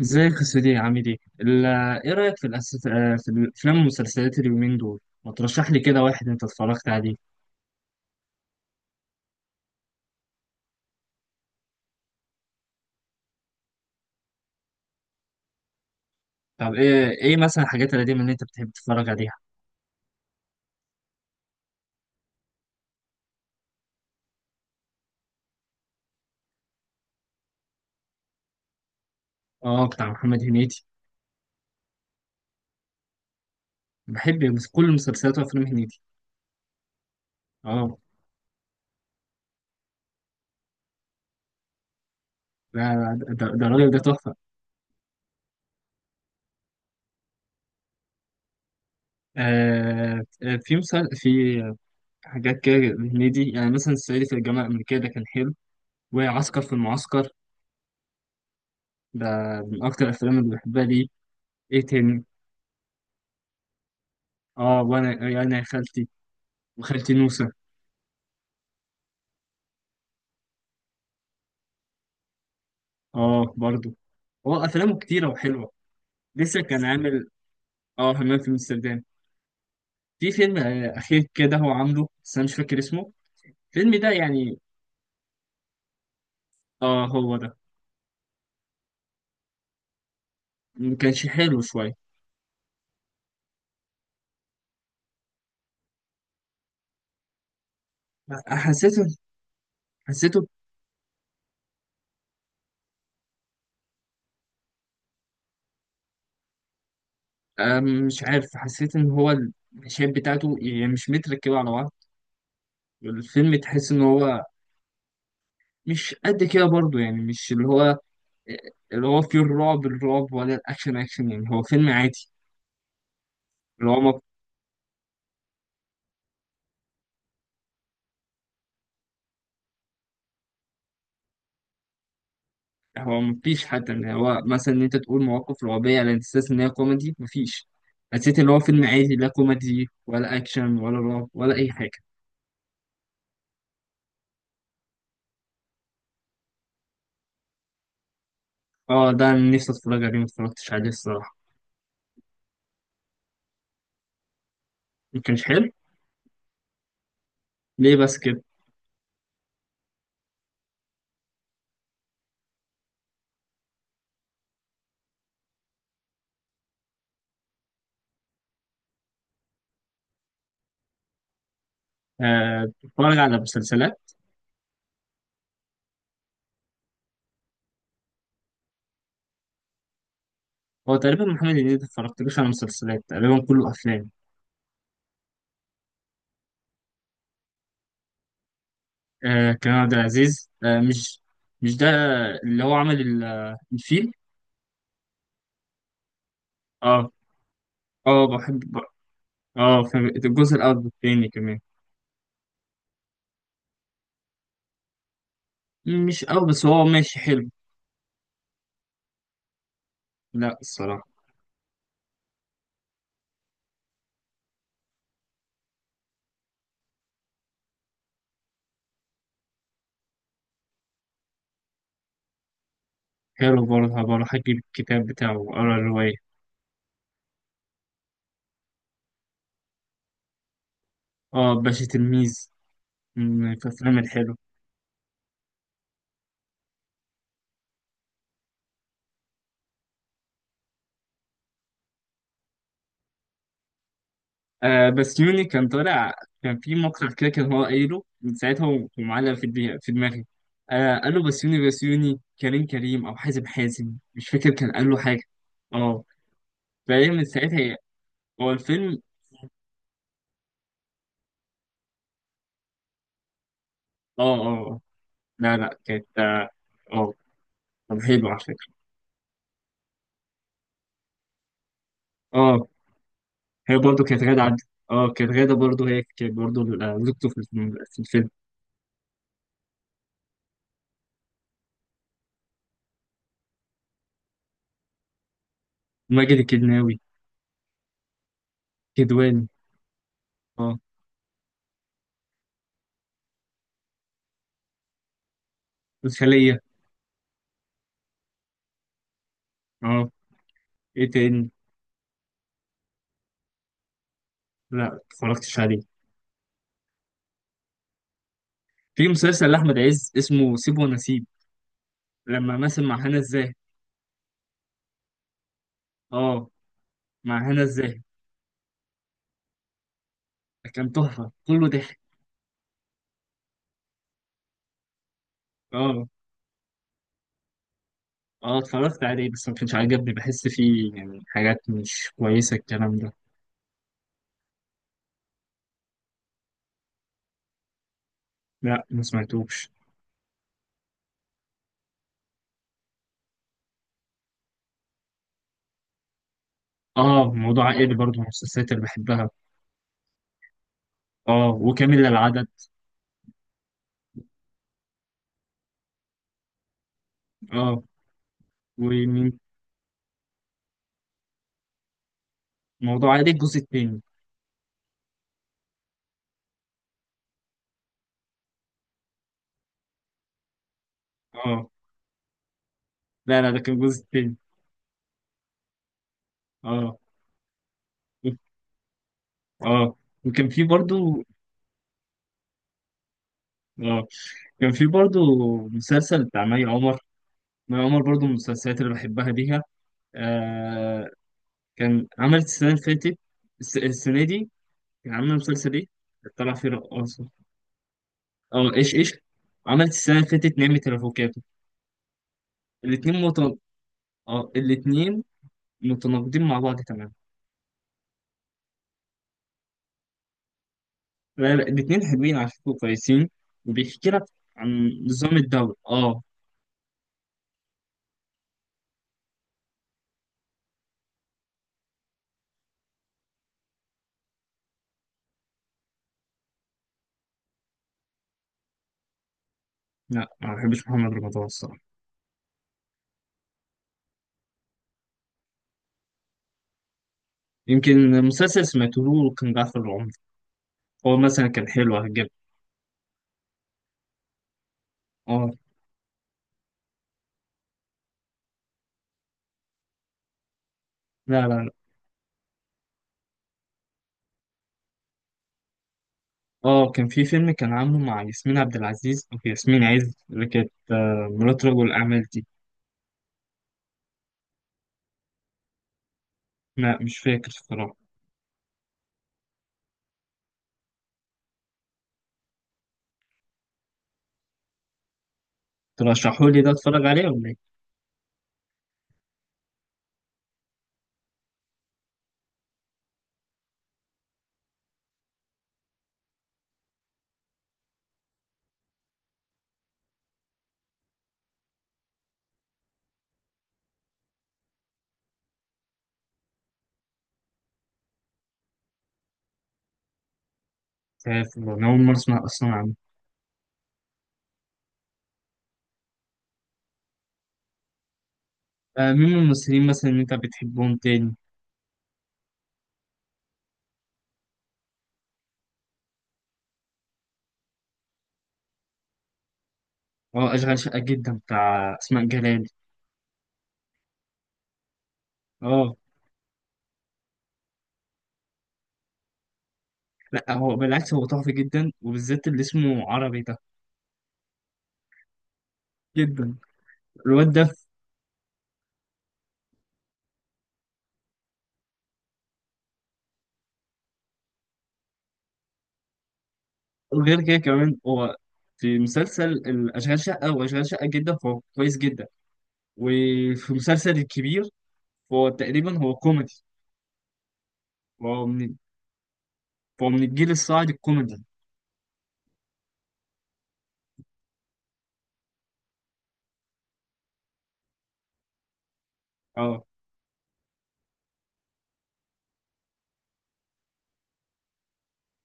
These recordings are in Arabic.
ازيك يا سيدي عامل ايه؟ ايه رأيك في الأساس، في الأفلام والمسلسلات اليومين دول؟ ما ترشح لي كده واحد انت اتفرجت عليه. طب ايه مثلا الحاجات القديمة اللي انت بتحب تتفرج عليها؟ اه، بتاع محمد هنيدي. بحب كل مسلسلات وأفلام هنيدي. اه. لا لا، ده الراجل ده تحفة. في حاجات كده. هنيدي يعني مثلا الصعيدي في الجامعة الأمريكية ده كان حلو، وعسكر في المعسكر. ده من أكتر الأفلام اللي بحبها ليه. ايه تاني؟ اه، وانا يا خالتي وخالتي نوسة. اه برضه. هو افلامه كتيره وحلوه. لسه كان عامل اه همام في امستردام. في فيلم اخير كده هو عامله بس انا مش فاكر اسمه الفيلم ده يعني. اه، هو ده. ما كانش حلو شويه. حسيته. حسيته مش عارف، حسيت ان هو المشاهد بتاعته يعني مش متركبه على بعض. الفيلم تحس ان هو مش قد كده برضه. يعني مش اللي هو فيه الرعب الرعب ولا الاكشن اكشن. يعني هو فيلم عادي. اللي هو ما هو مفيش حتى ان هو مثلا ان انت تقول مواقف رعبية على اساس ان هي كوميدي. مفيش. حسيت ان هو فيلم عادي، لا كوميدي ولا اكشن ولا رعب ولا اي حاجة. اه، ده انا نفسي اتفرج عليه ما اتفرجتش عليه الصراحة. ما كانش حلو. ليه بس كده؟ بتتفرج على مسلسلات. هو تقريبا محمد هنيدي ما اتفرجتلوش على مسلسلات، تقريبا كله افلام. كريم عبد العزيز، مش ده اللي هو عمل الفيل. اه. اه بحب. اه فاهم. الجزء الاول والثاني كمان. مش قوي بس هو ماشي حلو. لا الصراحة. حلو برضه، هبقى أجيب الكتاب بتاعه وأقرا الرواية. باشا تلميذ من الأفلام الحلوة. بس يوني كان طالع. كان في مقطع كده كان هو قايله، من ساعتها هو معلق في دماغي في دماغي. قال له بس يوني بس يوني كريم كريم أو حازم حازم، مش فاكر كان قال له حاجة. آه فهي من ساعتها هو الفيلم. آه آه آه. لا لا، آه كان حلو على فكرة. آه هي برضه كانت غادة عبد. كانت غادة برضه، هي كانت برضه زوجته في الفيلم في الفيلم. ماجد الكدناوي. كدواني. اه، الخلية. اه، ايه تاني؟ لا متفرجتش عليه. في مسلسل لأحمد عز اسمه سيب ونسيب لما مثل مع هنا الزاهد. اه، مع هنا الزاهد. كان تحفة كله ضحك. اه. اه، اتفرجت عليه بس ما كانش عجبني، بحس فيه يعني حاجات مش كويسة الكلام ده. لا ما سمعتوش. اه، موضوع عائلي برضه من المسلسلات اللي بحبها. اه، وكامل للعدد. اه، ومين؟ موضوع عائلي الجزء التاني. اه. لا لا، ده كان الجزء التاني. اه. اه، وكان في برضو. اه، كان في برضو مسلسل بتاع مي عمر. مي عمر برضو من المسلسلات اللي بحبها ليها. آه كان عملت السنة اللي فاتت، السنة دي كان عاملة مسلسل ايه؟ طلع فيه رقاصة. اه، ايش ايش. عملت السنة اللي فاتت نعمة الافوكاتو. الاتنين متن... اه، الاتنين متناقضين مع بعض تماما. لا لا، الاتنين حلوين على فكرة كويسين. وبيحكي لك عن نظام الدولة. اه. لا، ما بحبش محمد رمضان الصراحة. يمكن مسلسل سمعته له كان جعفر العمدة، هو مثلا كان حلو هجيبه. اه. لا لا لا. اه، كان في فيلم كان عامله مع ياسمين عبد العزيز او ياسمين عز اللي كانت مرات رجل الأعمال دي. لا مش فاكر الصراحة. ترشحوا لي ده اتفرج عليه ولا ايه؟ مش عارف والله، أنا أول مرة أسمع أصلا عنه. مين من الممثلين مثلا اللي أنت بتحبهم تاني؟ اه، أشغال شقة جدا بتاع أسماء جلال. اه. لا، هو بالعكس، هو تحفة جدا وبالذات اللي اسمه عربي ده. جدا الواد ده. وغير كده كمان، هو في مسلسل الأشغال شقة، هو أشغال شقة جدا فهو كويس جدا. وفي مسلسل الكبير فهو تقريبا هو كوميدي. فهو من فهو من الجيل الصاعد الكوميدي. اه.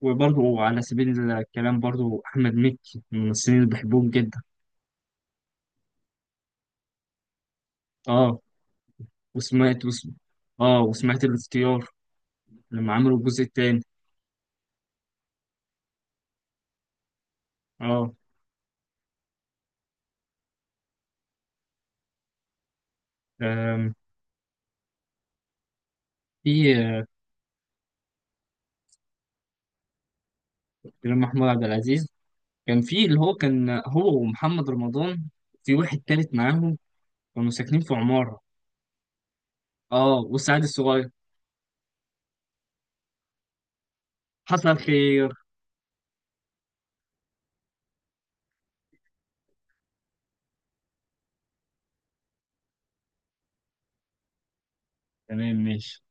وبرضه على سبيل الكلام برضه، أحمد مكي من الممثلين اللي بحبهم جدا. اه. وسمعت وسم... اه، وسمعت الاختيار لما عملوا الجزء التاني. اه. آم، في كريم محمود عبد العزيز. كان في اللي هو، كان هو ومحمد رمضان في واحد تالت معاهم، كانوا ساكنين في عمارة. اه، والسعد الصغير. حصل خير. تمام ماشي.